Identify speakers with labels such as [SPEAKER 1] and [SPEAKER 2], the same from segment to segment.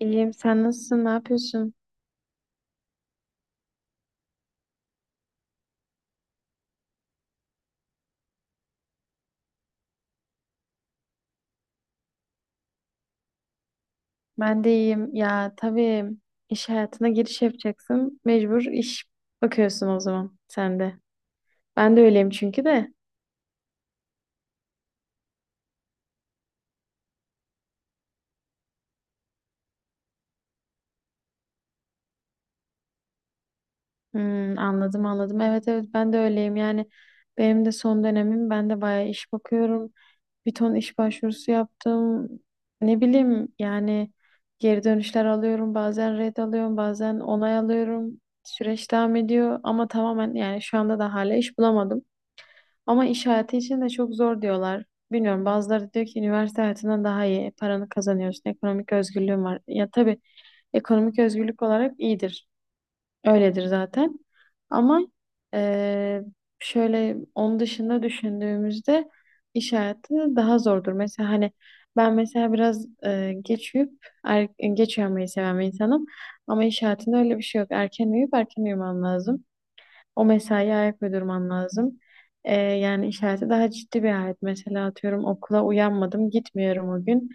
[SPEAKER 1] İyiyim. Sen nasılsın? Ne yapıyorsun? Ben de iyiyim. Ya tabii iş hayatına giriş yapacaksın. Mecbur iş bakıyorsun o zaman sen de. Ben de öyleyim çünkü de. Hmm, anladım anladım. Evet evet ben de öyleyim. Yani benim de son dönemim. Ben de bayağı iş bakıyorum. Bir ton iş başvurusu yaptım. Ne bileyim yani geri dönüşler alıyorum. Bazen red alıyorum. Bazen onay alıyorum. Süreç devam ediyor ama tamamen yani şu anda da hala iş bulamadım. Ama iş hayatı için de çok zor diyorlar. Bilmiyorum bazıları diyor ki üniversite hayatından daha iyi paranı kazanıyorsun. Ekonomik özgürlüğün var. Ya tabii ekonomik özgürlük olarak iyidir. Öyledir zaten. Ama eee, şöyle onun dışında düşündüğümüzde iş hayatı daha zordur. Mesela hani ben mesela biraz geç uyup geç uyanmayı seven bir insanım. Ama iş hayatında öyle bir şey yok. Erken uyuyup erken uyumam lazım. O mesaiye ayak uydurman lazım. Yani işareti daha ciddi bir hayat. Mesela atıyorum okula uyanmadım, gitmiyorum o gün.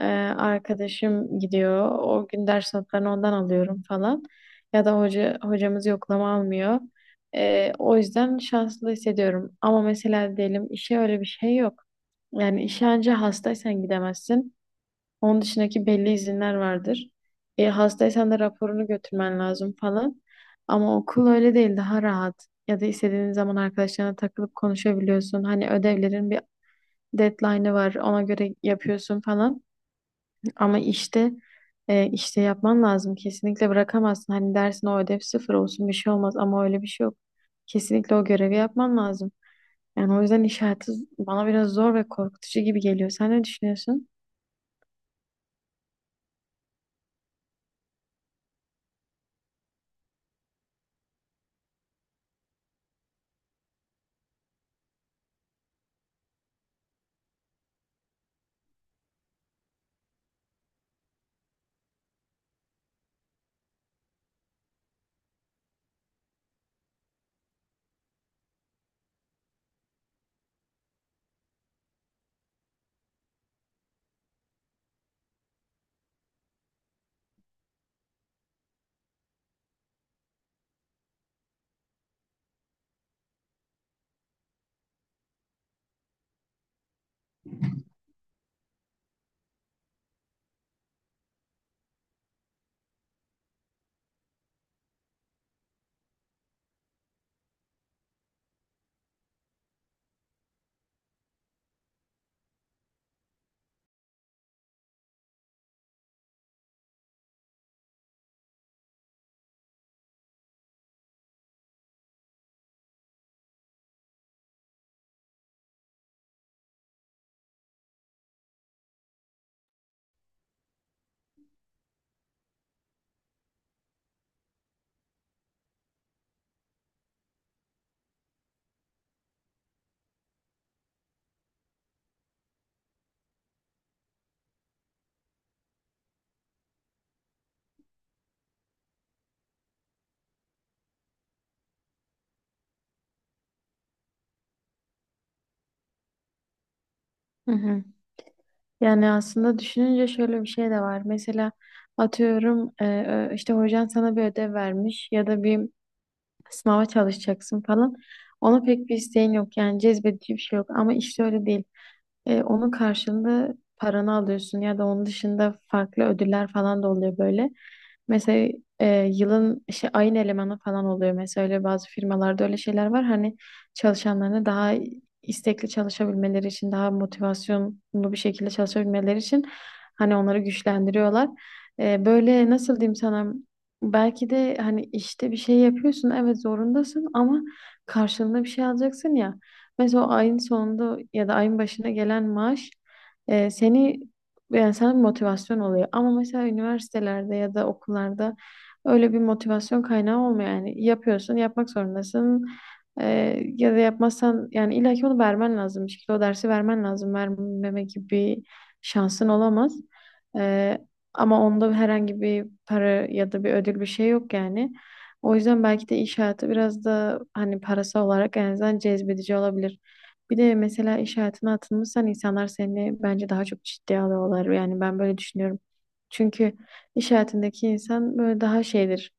[SPEAKER 1] Ee, arkadaşım gidiyor, o gün ders notlarını ondan alıyorum falan. Ya da hocamız yoklama almıyor. O yüzden şanslı hissediyorum. Ama mesela diyelim işe öyle bir şey yok. Yani işe anca hastaysan gidemezsin. Onun dışındaki belli izinler vardır. Hastaysan da raporunu götürmen lazım falan. Ama okul öyle değil, daha rahat. Ya da istediğin zaman arkadaşlarına takılıp konuşabiliyorsun. Hani ödevlerin bir deadline'ı var, ona göre yapıyorsun falan. Ama işte işte yapman lazım. Kesinlikle bırakamazsın. Hani dersin o ödev sıfır olsun bir şey olmaz ama öyle bir şey yok. Kesinlikle o görevi yapman lazım. Yani o yüzden iş hayatı bana biraz zor ve korkutucu gibi geliyor. Sen ne düşünüyorsun? Hı hı. Yani aslında düşününce şöyle bir şey de var. Mesela atıyorum işte hocan sana bir ödev vermiş ya da bir sınava çalışacaksın falan. Ona pek bir isteğin yok yani cezbedici bir şey yok ama işte öyle değil. Onun karşılığında paranı alıyorsun ya da onun dışında farklı ödüller falan da oluyor böyle. Mesela yılın işte ayın elemanı falan oluyor. Mesela öyle bazı firmalarda öyle şeyler var. Hani çalışanlarını daha istekli çalışabilmeleri için, daha motivasyonlu bir şekilde çalışabilmeleri için hani onları güçlendiriyorlar. Böyle nasıl diyeyim sana, belki de hani işte bir şey yapıyorsun evet zorundasın ama karşılığında bir şey alacaksın ya. Mesela o ayın sonunda ya da ayın başına gelen maaş e, seni yani sana bir motivasyon oluyor. Ama mesela üniversitelerde ya da okullarda öyle bir motivasyon kaynağı olmuyor. Yani yapıyorsun, yapmak zorundasın. Ya da yapmazsan yani illaki onu vermen lazım. Bir şekilde o dersi vermen lazım. Vermeme gibi bir şansın olamaz. Ee, ama onda herhangi bir para ya da bir ödül bir şey yok yani. O yüzden belki de iş hayatı biraz da hani parası olarak en azından cezbedici olabilir. Bir de mesela iş hayatına atılmışsan insanlar seni bence daha çok ciddiye alıyorlar. Yani ben böyle düşünüyorum. Çünkü iş hayatındaki insan böyle daha şeydir,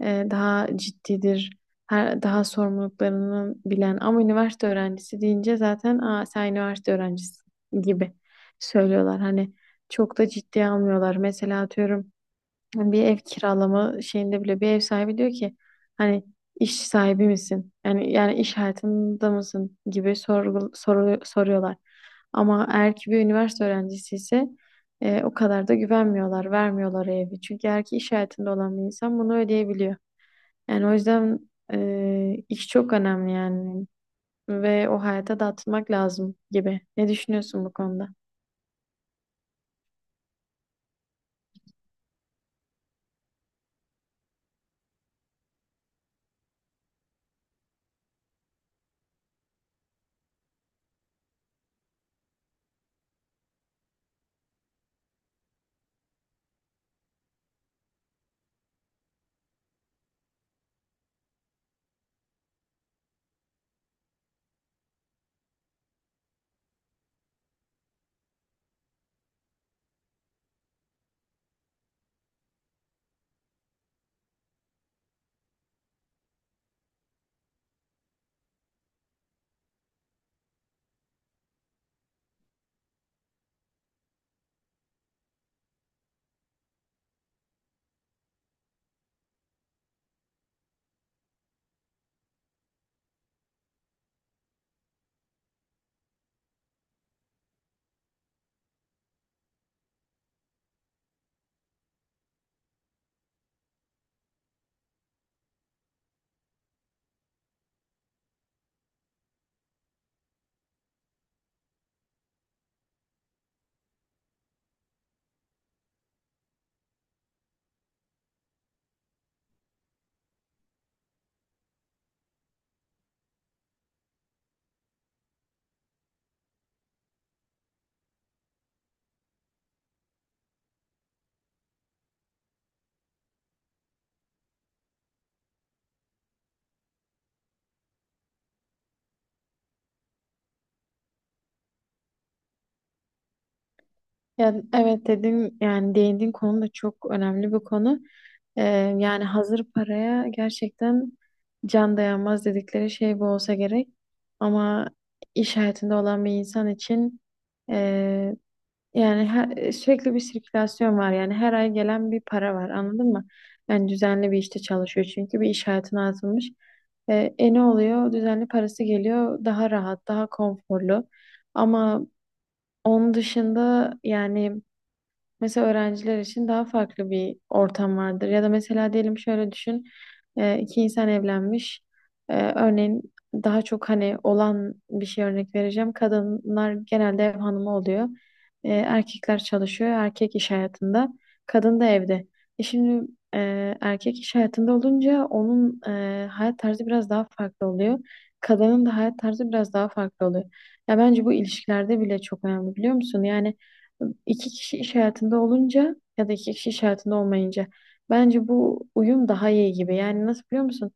[SPEAKER 1] daha ciddidir, daha sorumluluklarını bilen. Ama üniversite öğrencisi deyince zaten aa, sen üniversite öğrencisi gibi söylüyorlar. Hani çok da ciddiye almıyorlar. Mesela atıyorum. Yani bir ev kiralama şeyinde bile bir ev sahibi diyor ki hani iş sahibi misin? Yani iş hayatında mısın gibi soruyorlar. Ama eğer ki bir üniversite öğrencisi ise o kadar da güvenmiyorlar, vermiyorlar evi. Çünkü eğer ki iş hayatında olan bir insan bunu ödeyebiliyor. Yani o yüzden iş çok önemli yani ve o hayata da atılmak lazım gibi. Ne düşünüyorsun bu konuda? Yani evet dedin yani değindiğin konu da çok önemli bir konu. Ee, yani hazır paraya gerçekten can dayanmaz dedikleri şey bu olsa gerek. Ama iş hayatında olan bir insan için e, yani sürekli bir sirkülasyon var. Yani her ay gelen bir para var, anladın mı? Yani düzenli bir işte çalışıyor çünkü bir iş hayatına atılmış. Ne oluyor? Düzenli parası geliyor, daha rahat, daha konforlu. Ama onun dışında yani... Mesela öğrenciler için daha farklı bir ortam vardır. Ya da mesela diyelim şöyle düşün. İki insan evlenmiş. E, örneğin daha çok hani olan bir şey örnek vereceğim. Kadınlar genelde ev hanımı oluyor. E, erkekler çalışıyor. Erkek iş hayatında. Kadın da evde. E şimdi, e, erkek iş hayatında olunca onun hayat tarzı biraz daha farklı oluyor. Kadının da hayat tarzı biraz daha farklı oluyor. Ya bence bu ilişkilerde bile çok önemli, biliyor musun? Yani İki kişi iş hayatında olunca ya da iki kişi iş hayatında olmayınca bence bu uyum daha iyi gibi. Yani nasıl, biliyor musun?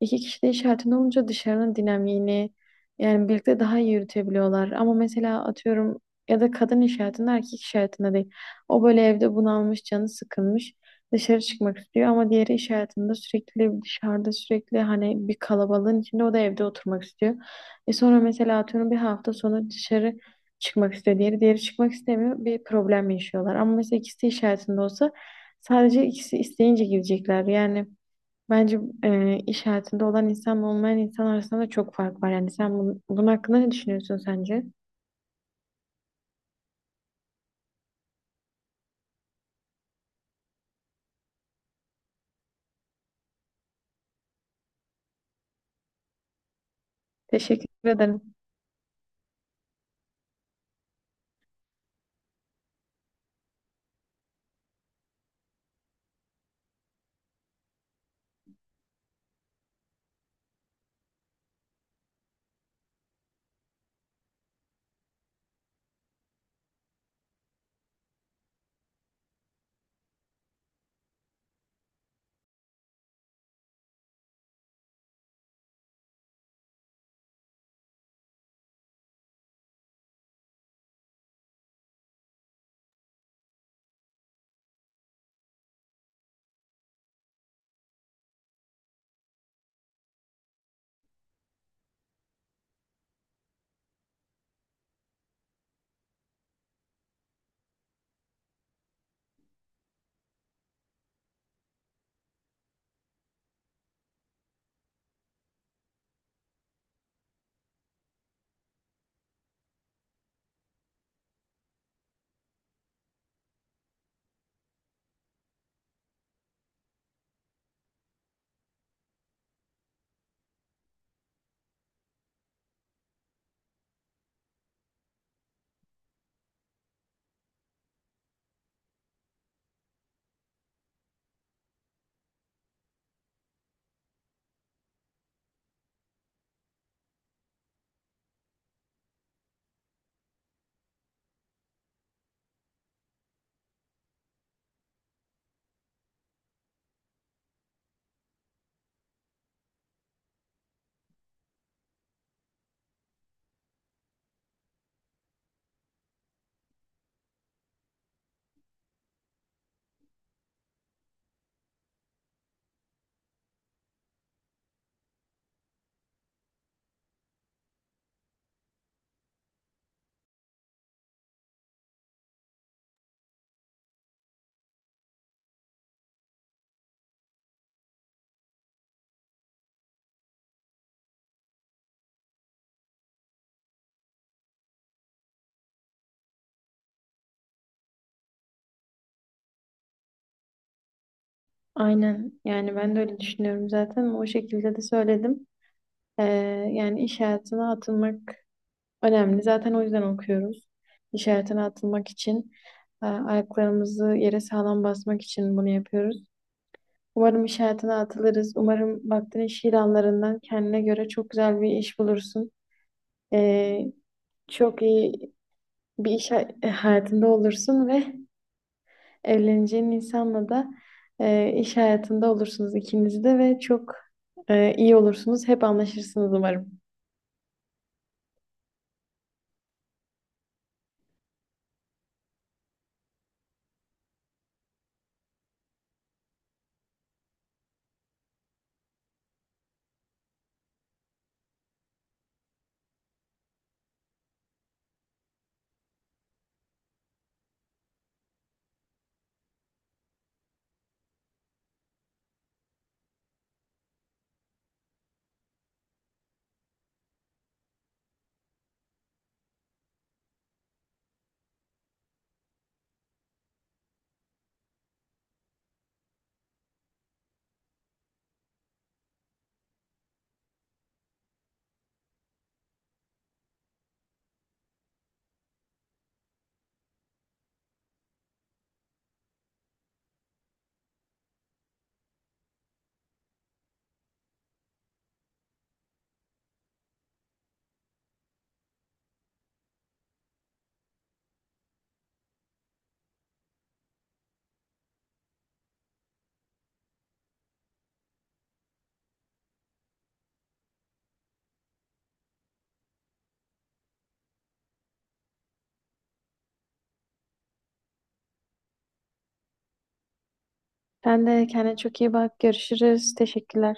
[SPEAKER 1] İki kişi de iş hayatında olunca dışarının dinamiğini yani birlikte daha iyi yürütebiliyorlar. Ama mesela atıyorum ya da kadın iş hayatında, erkek iş hayatında değil. O böyle evde bunalmış, canı sıkılmış. Dışarı çıkmak istiyor ama diğeri iş hayatında sürekli dışarıda, sürekli hani bir kalabalığın içinde, o da evde oturmak istiyor. E sonra mesela atıyorum bir hafta sonu dışarı çıkmak istiyor. Diğeri çıkmak istemiyor. Bir problem yaşıyorlar. Ama mesela ikisi iş hayatında olsa sadece ikisi isteyince gidecekler. Yani bence iş hayatında olan insanla olmayan insan arasında da çok fark var. Yani sen bunun hakkında ne düşünüyorsun sence? Teşekkür ederim. Aynen. Yani ben de öyle düşünüyorum zaten. O şekilde de söyledim. E, yani iş hayatına atılmak önemli. Zaten o yüzden okuyoruz. İş hayatına atılmak için, ayaklarımızı yere sağlam basmak için bunu yapıyoruz. Umarım iş hayatına atılırız. Umarım baktığın iş ilanlarından kendine göre çok güzel bir iş bulursun. Ee, çok iyi bir hayatında olursun ve evleneceğin insanla da iş hayatında olursunuz ikiniz de ve çok iyi olursunuz. Hep anlaşırsınız umarım. Sen de kendine çok iyi bak. Görüşürüz. Teşekkürler.